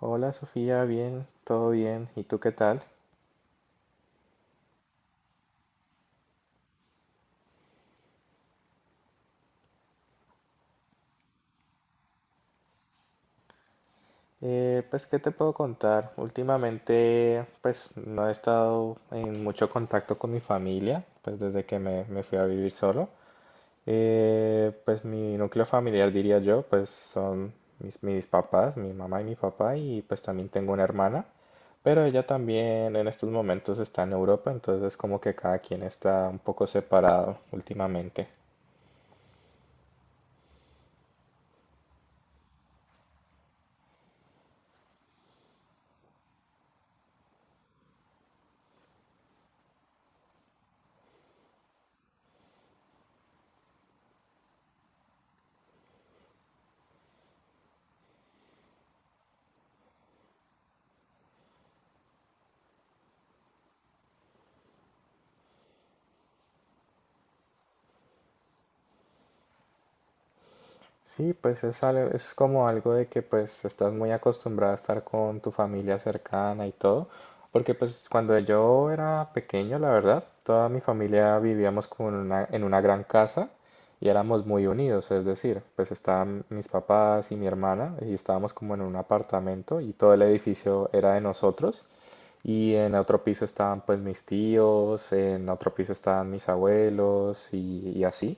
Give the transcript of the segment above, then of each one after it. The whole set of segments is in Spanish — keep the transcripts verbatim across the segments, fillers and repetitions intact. Hola Sofía, bien, todo bien. ¿Y tú qué tal? Eh, pues, ¿qué te puedo contar? Últimamente, pues, no he estado en mucho contacto con mi familia, pues, desde que me, me fui a vivir solo. Eh, pues, mi núcleo familiar, diría yo, pues, son mis, mis papás, mi mamá y mi papá, y pues también tengo una hermana, pero ella también en estos momentos está en Europa, entonces como que cada quien está un poco separado últimamente. Sí, pues es algo- es como algo de que pues estás muy acostumbrado a estar con tu familia cercana y todo, porque pues cuando yo era pequeño, la verdad, toda mi familia vivíamos como en una, en una gran casa y éramos muy unidos, es decir, pues estaban mis papás y mi hermana y estábamos como en un apartamento y todo el edificio era de nosotros. Y en otro piso estaban pues mis tíos, en otro piso estaban mis abuelos y, y así.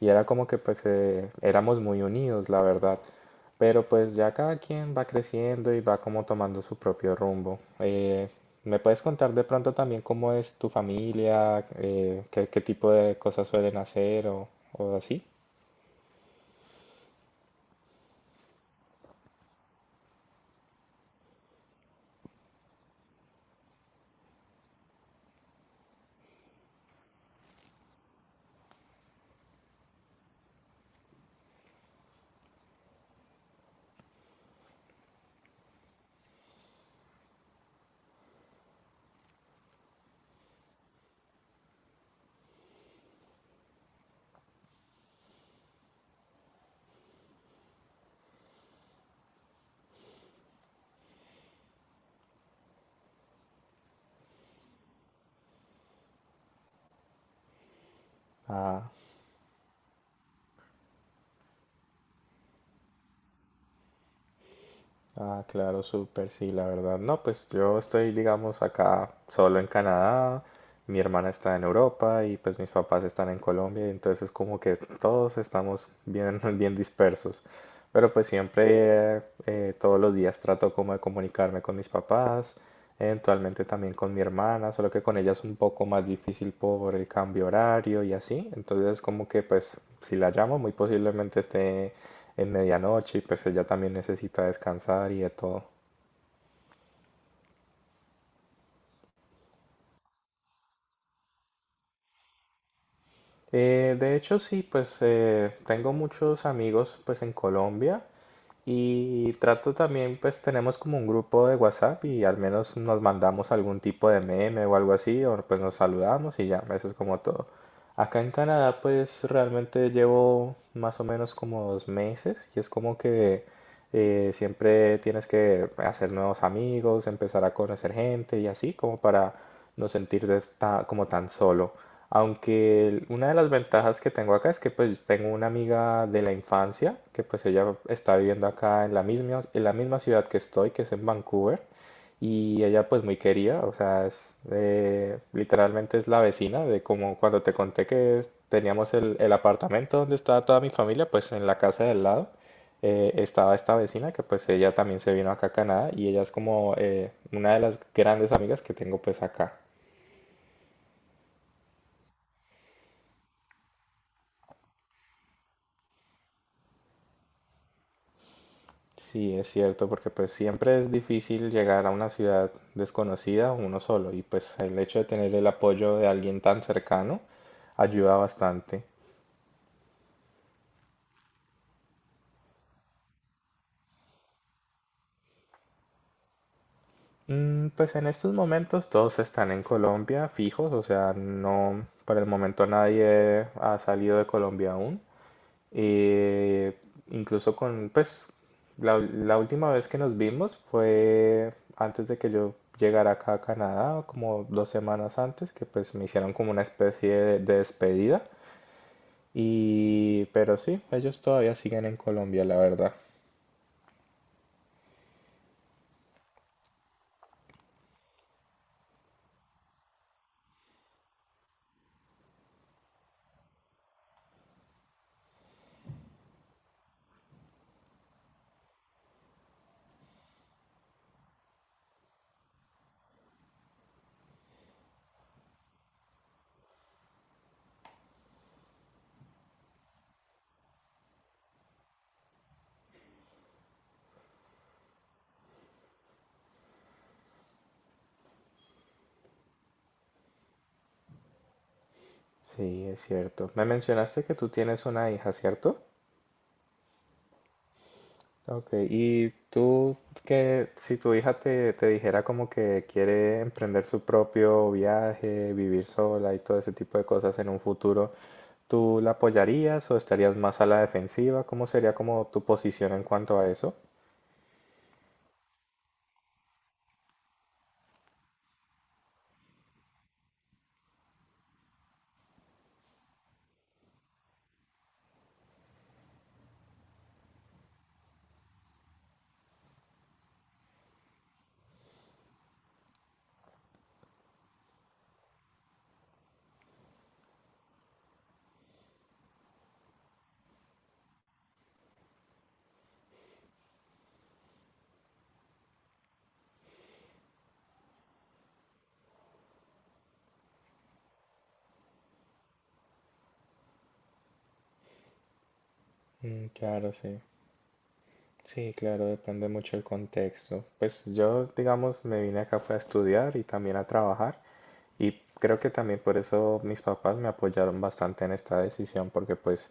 Y era como que pues eh, éramos muy unidos, la verdad. Pero pues ya cada quien va creciendo y va como tomando su propio rumbo. Eh, ¿me puedes contar de pronto también cómo es tu familia? Eh, ¿qué, qué tipo de cosas suelen hacer o, o así? Ah. Ah, claro, súper, sí, la verdad. No, pues yo estoy, digamos, acá solo en Canadá, mi hermana está en Europa y pues mis papás están en Colombia, y entonces como que todos estamos bien, bien dispersos. Pero pues siempre, eh, eh, todos los días trato como de comunicarme con mis papás, eventualmente también con mi hermana, solo que con ella es un poco más difícil por el cambio horario y así. Entonces como que pues si la llamo muy posiblemente esté en medianoche y pues ella también necesita descansar y de todo. Eh, de hecho, sí, pues eh, tengo muchos amigos pues en Colombia. Y trato también, pues tenemos como un grupo de guasap y al menos nos mandamos algún tipo de meme o algo así, o pues nos saludamos y ya, eso es como todo. Acá en Canadá, pues realmente llevo más o menos como dos meses y es como que eh, siempre tienes que hacer nuevos amigos, empezar a conocer gente y así, como para no sentirte esta- como tan solo. Aunque el- una de las ventajas que tengo acá es que pues tengo una amiga de la infancia que pues ella está viviendo acá en la misma, en la misma ciudad que estoy, que es en Vancouver, y ella pues muy querida, o sea, es, eh, literalmente es la vecina de como cuando te conté que es- teníamos el, el apartamento donde estaba toda mi familia, pues en la casa del lado eh, estaba esta vecina que pues ella también se vino acá a Canadá y ella es como eh, una de las grandes amigas que tengo pues acá. Sí, es cierto, porque pues siempre es difícil llegar a una ciudad desconocida uno solo y pues el hecho de tener el apoyo de alguien tan cercano ayuda bastante. Mm, pues en estos momentos todos están en Colombia fijos, o sea, no, por el momento nadie ha salido de Colombia aún. Eh, incluso con, pues, la, la última vez que nos vimos fue antes de que yo llegara acá a Canadá, como dos semanas antes, que pues me hicieron como una especie de, de despedida. Y, pero sí, ellos todavía siguen en Colombia, la verdad. Sí, es cierto. Me mencionaste que tú tienes una hija, ¿cierto? Ok, y tú, que si tu hija te, te dijera como que quiere emprender su propio viaje, vivir sola y todo ese tipo de cosas en un futuro, ¿tú la apoyarías o estarías más a la defensiva? ¿Cómo sería como tu posición en cuanto a eso? Mm, claro, sí. Sí, claro, depende mucho el contexto. Pues yo, digamos, me vine acá fue a estudiar y también a trabajar y creo que también por eso mis papás me apoyaron bastante en esta decisión porque pues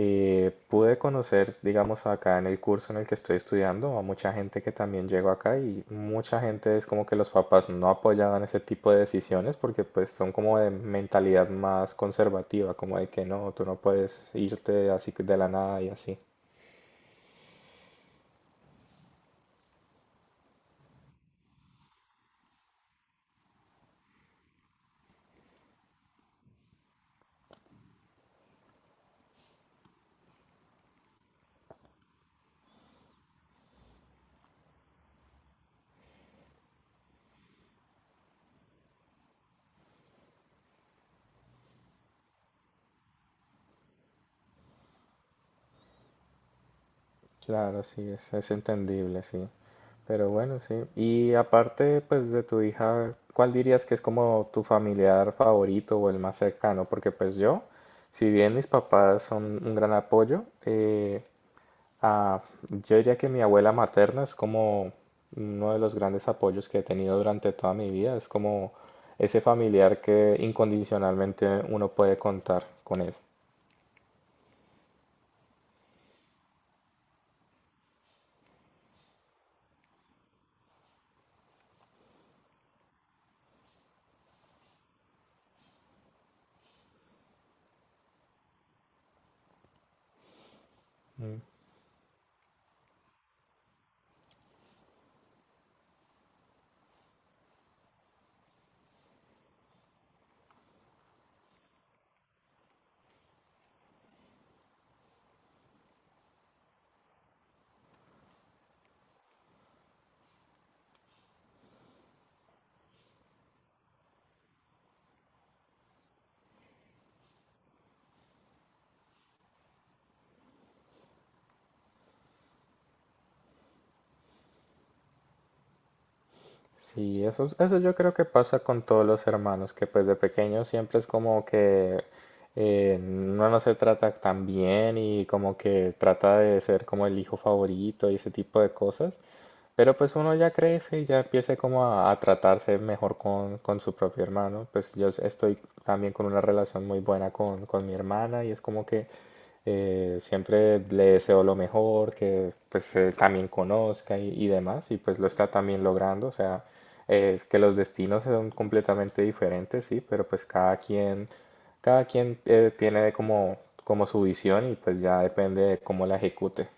Eh, pude conocer, digamos, acá en el curso en el que estoy estudiando, a mucha gente que también llegó acá, y mucha gente es como que los papás no apoyaban ese tipo de decisiones porque pues son como de mentalidad más conservativa, como de que no, tú no puedes irte así de la nada y así. Claro, sí, es, es entendible, sí. Pero bueno, sí. Y aparte, pues de tu hija, ¿cuál dirías que es como tu familiar favorito o el más cercano? Porque pues yo, si bien mis papás son un gran apoyo, eh, ah, yo diría que mi abuela materna es como uno de los grandes apoyos que he tenido durante toda mi vida. Es como ese familiar que incondicionalmente uno puede contar con él. Mm. Sí, eso, es- eso yo creo que pasa con todos los hermanos, que pues de pequeños siempre es como que eh, uno no se trata tan bien y como que trata de ser como el hijo favorito y ese tipo de cosas. Pero pues uno ya crece y ya empieza como a, a tratarse mejor con, con su propio hermano. Pues yo s- estoy también con una relación muy buena con, con mi hermana y es como que eh, siempre le deseo lo mejor, que pues eh, también conozca y, y demás, y pues lo está también logrando, o sea, eh, es que los destinos son completamente diferentes, sí, pero pues cada quien, cada quien eh, tiene como, como su visión y pues ya depende de cómo la ejecute.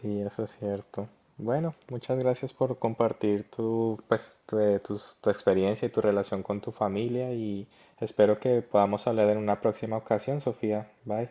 Sí, eso es cierto. Bueno, muchas gracias por compartir tu, pues, tu, eh, tus- tu experiencia y tu relación con tu familia y espero que podamos hablar en una próxima ocasión, Sofía. Bye.